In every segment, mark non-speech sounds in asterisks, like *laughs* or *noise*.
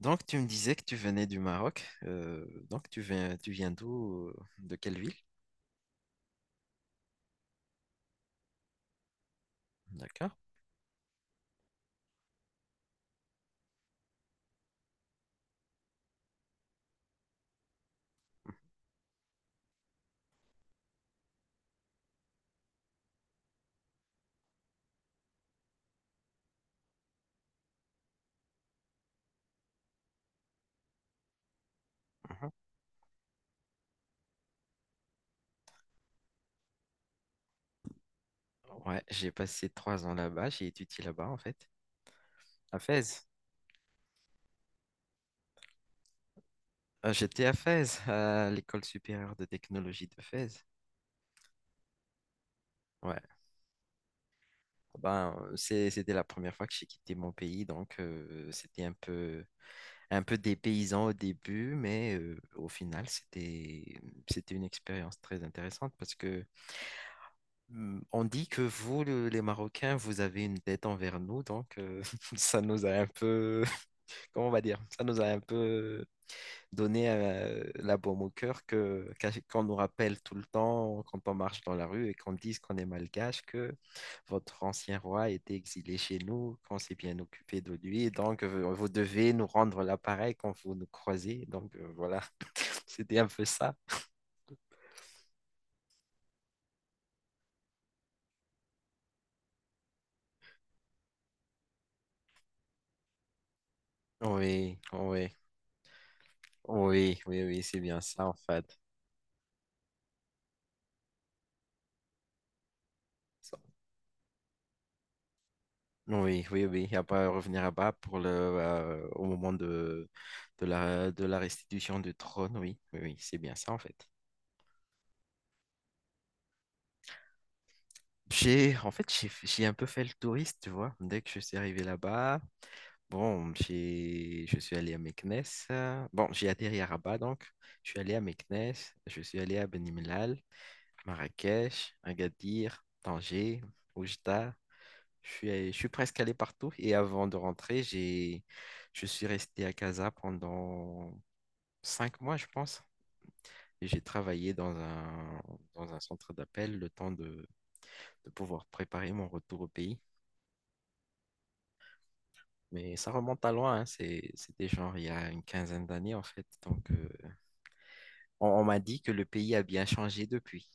Donc, tu me disais que tu venais du Maroc. Donc, tu viens d'où? De quelle ville? D'accord. Mhm. Ouais, j'ai passé 3 ans là-bas. J'ai étudié là-bas, en fait, à Fès. J'étais à Fès, à l'école supérieure de technologie de Fès. Ouais. Ah ben, c'était la première fois que j'ai quitté mon pays, donc c'était un peu dépaysant au début, mais au final, c'était une expérience très intéressante parce que... Hmm, on dit que vous, les Marocains, vous avez une dette envers nous, donc *laughs* ça nous a un peu, *laughs* comment on va dire, ça nous a un peu donné la baume au cœur que qu'on nous rappelle tout le temps quand on marche dans la rue et qu'on dise qu'on est malgache, que votre ancien roi était exilé chez nous, qu'on s'est bien occupé de lui, donc vous devez nous rendre l'appareil quand vous nous croisez, donc voilà, *laughs* c'était un peu ça. Oui, oui, oui, oui, oui, c'est bien ça en fait. Oui, oui, oui, il n'y a pas à revenir à bas pour au moment de la restitution du trône. Oui, oui, oui, c'est bien ça en fait. J'ai, en fait, j'ai un peu fait le touriste, tu vois, dès que je suis arrivé là-bas. Bon, je suis allé à Meknès. Bon, j'ai atterri à Rabat, donc je suis allé à Meknès, je suis allé à Benimlal, Marrakech, Agadir, Tanger, Oujda. Je suis presque allé partout et avant de rentrer, je suis resté à Casa pendant 5 mois, je pense. Et j'ai travaillé dans un centre d'appel le temps de pouvoir préparer mon retour au pays. Mais ça remonte à loin, hein, c'était genre il y a une quinzaine d'années en fait. Donc on m'a dit que le pays a bien changé depuis.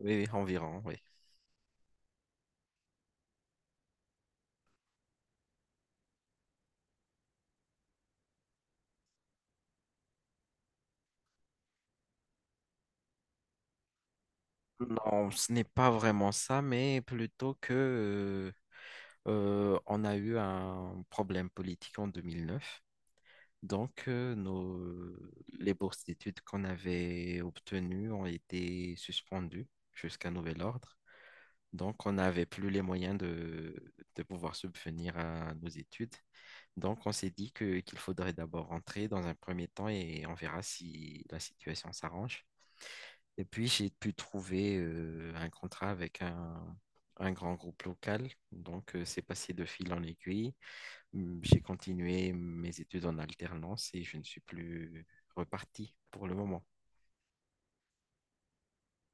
Oui, oui, environ, oui. Non, ce n'est pas vraiment ça, mais plutôt que on a eu un problème politique en 2009. Donc, les bourses d'études qu'on avait obtenues ont été suspendues jusqu'à nouvel ordre. Donc, on n'avait plus les moyens de pouvoir subvenir à nos études. Donc, on s'est dit qu'il faudrait d'abord rentrer dans un premier temps et on verra si la situation s'arrange. Et puis, j'ai pu trouver un contrat avec un grand groupe local. Donc, c'est passé de fil en aiguille. J'ai continué mes études en alternance et je ne suis plus reparti pour le moment.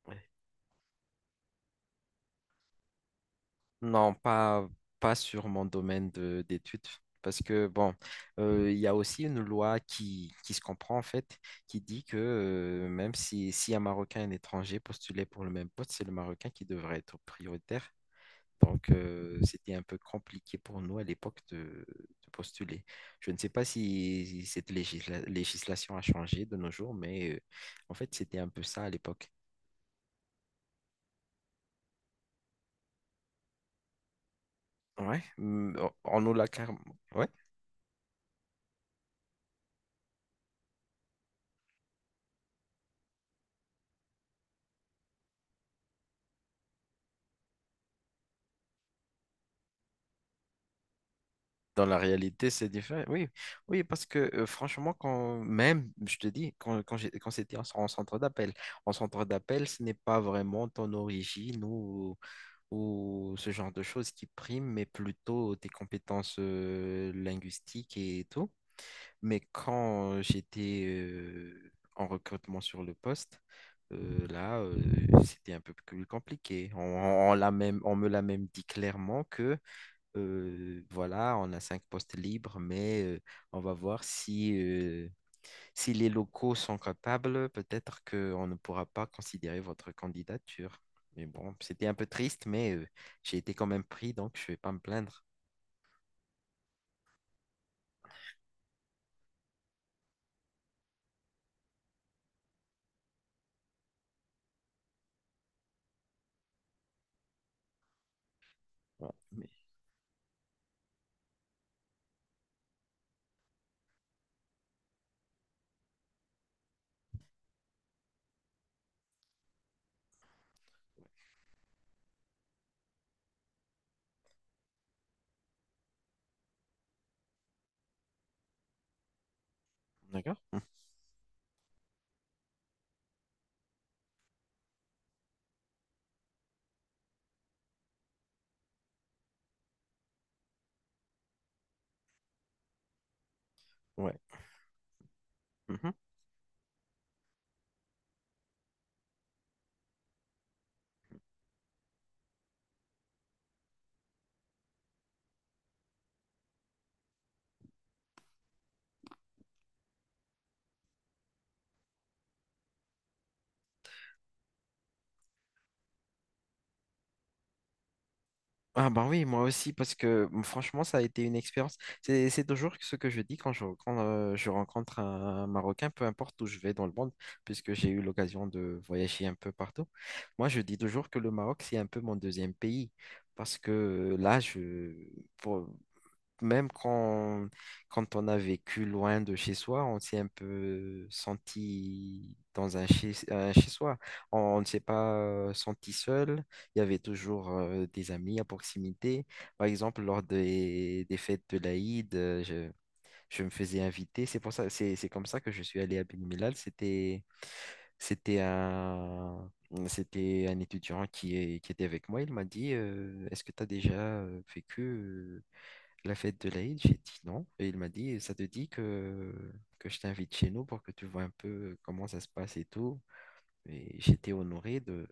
Ouais. Non, pas sur mon domaine d'études. Parce que, bon, il y a aussi une loi qui se comprend, en fait, qui dit que même si un Marocain et un étranger postulait pour le même poste, c'est le Marocain qui devrait être prioritaire. Donc, c'était un peu compliqué pour nous à l'époque de postuler. Je ne sais pas si cette législation a changé de nos jours, mais en fait, c'était un peu ça à l'époque. Ouais, on nous l'a carrément. Ouais, dans la réalité, c'est différent. Oui, oui, parce que franchement, quand même, je te dis, quand c'était en centre d'appel, ce n'est pas vraiment ton origine ou ce genre de choses qui priment, mais plutôt des compétences linguistiques et tout. Mais quand j'étais en recrutement sur le poste, là, c'était un peu plus compliqué. On l'a même, on me l'a même dit clairement que voilà, on a cinq postes libres, mais on va voir si les locaux sont capables, peut-être qu'on ne pourra pas considérer votre candidature. Mais bon, c'était un peu triste, mais j'ai été quand même pris, donc je ne vais pas me plaindre. Ouais, d'accord? Mhm. Ouais. Mhm. Ah ben oui, moi aussi, parce que bon, franchement, ça a été une expérience. C'est toujours ce que je dis quand je rencontre un Marocain, peu importe où je vais dans le monde, puisque j'ai eu l'occasion de voyager un peu partout. Moi, je dis toujours que le Maroc, c'est un peu mon deuxième pays, parce que pour- même quand on a vécu loin de chez soi, on s'est un peu senti dans un chez soi. On ne s'est pas senti seul. Il y avait toujours des amis à proximité. Par exemple, lors des fêtes de l'Aïd, je me faisais inviter. C'est pour ça, c'est comme ça que je suis allé à Ben Mellal. C'était un, c'était un étudiant qui était avec moi. Il m'a dit, est-ce que tu as déjà vécu la fête de l'Aïd? J'ai dit non. Et il m'a dit, ça te dit que je t'invite chez nous pour que tu vois un peu comment ça se passe et tout. Et j'étais honoré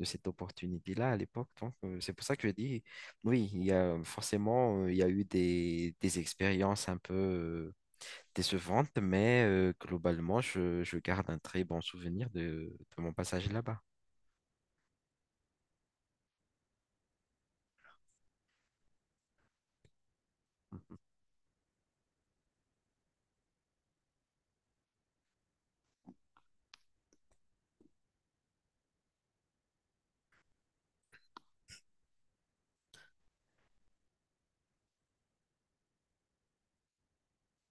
de cette opportunité-là à l'époque. Donc, c'est pour ça que je dis, oui, il y a eu des expériences un peu décevantes, mais globalement, je garde un très bon souvenir de mon passage là-bas.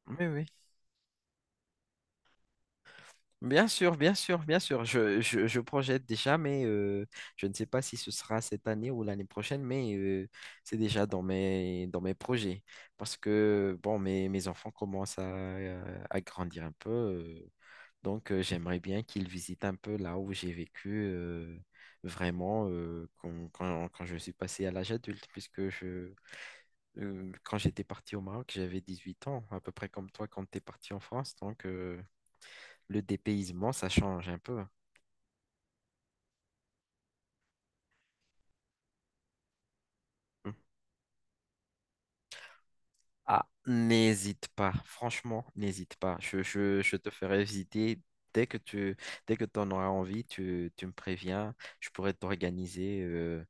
Oui, oui. Bien sûr, bien sûr, bien sûr. Je projette déjà, mais je ne sais pas si ce sera cette année ou l'année prochaine, mais c'est déjà dans mes projets. Parce que, bon, mes enfants commencent à grandir un peu. Donc, j'aimerais bien qu'ils visitent un peu là où j'ai vécu euh, vraiment quand je suis passé à l'âge adulte, puisque quand j'étais parti au Maroc, j'avais 18 ans, à peu près comme toi quand tu es parti en France. Donc, le dépaysement, ça change un peu. Hmm. Ah, n'hésite pas, franchement, n'hésite pas. Je te ferai visiter dès que tu dès que tu en auras envie. Tu me préviens. Je pourrais t'organiser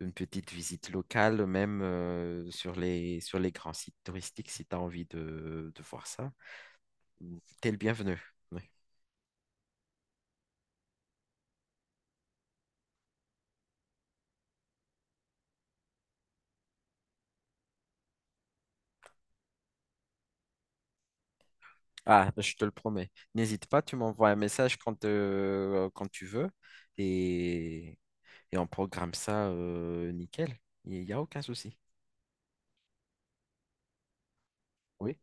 une petite visite locale, même sur sur les grands sites touristiques si tu as envie de voir ça. T'es le bienvenu. Oui. Ah, je te le promets. N'hésite pas, tu m'envoies un message quand tu veux et on programme ça nickel. Il n'y a aucun souci. Oui.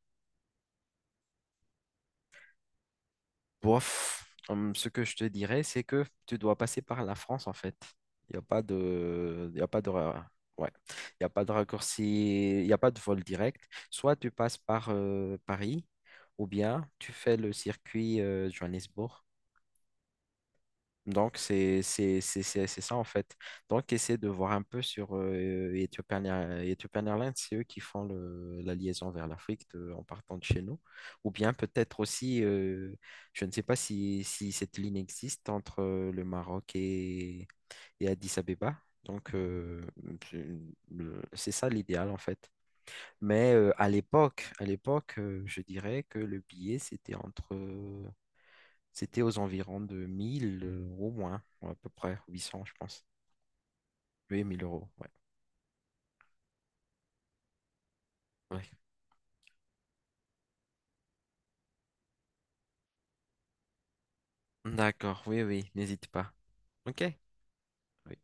Bof, ce que je te dirais, c'est que tu dois passer par la France, en fait. Il y a pas de, ouais. Il y a pas de raccourci, il n'y a pas de vol direct. Soit tu passes par Paris, ou bien tu fais le circuit Johannesburg. Donc, c'est ça en fait. Donc, essaie de voir un peu sur Ethiopian Airlines, c'est eux qui font la liaison vers l'Afrique en partant de chez nous. Ou bien peut-être aussi, je ne sais pas si cette ligne existe entre le Maroc et Addis Abeba. Donc, c'est c'est ça l'idéal en fait. Mais à l'époque, je dirais que le billet, c'était aux environs de 1 000 € moins, ou à peu près 800, je pense. Oui, 1000 euros, ouais. Ouais. D'accord, oui, oui, n'hésite pas. Ok. Oui.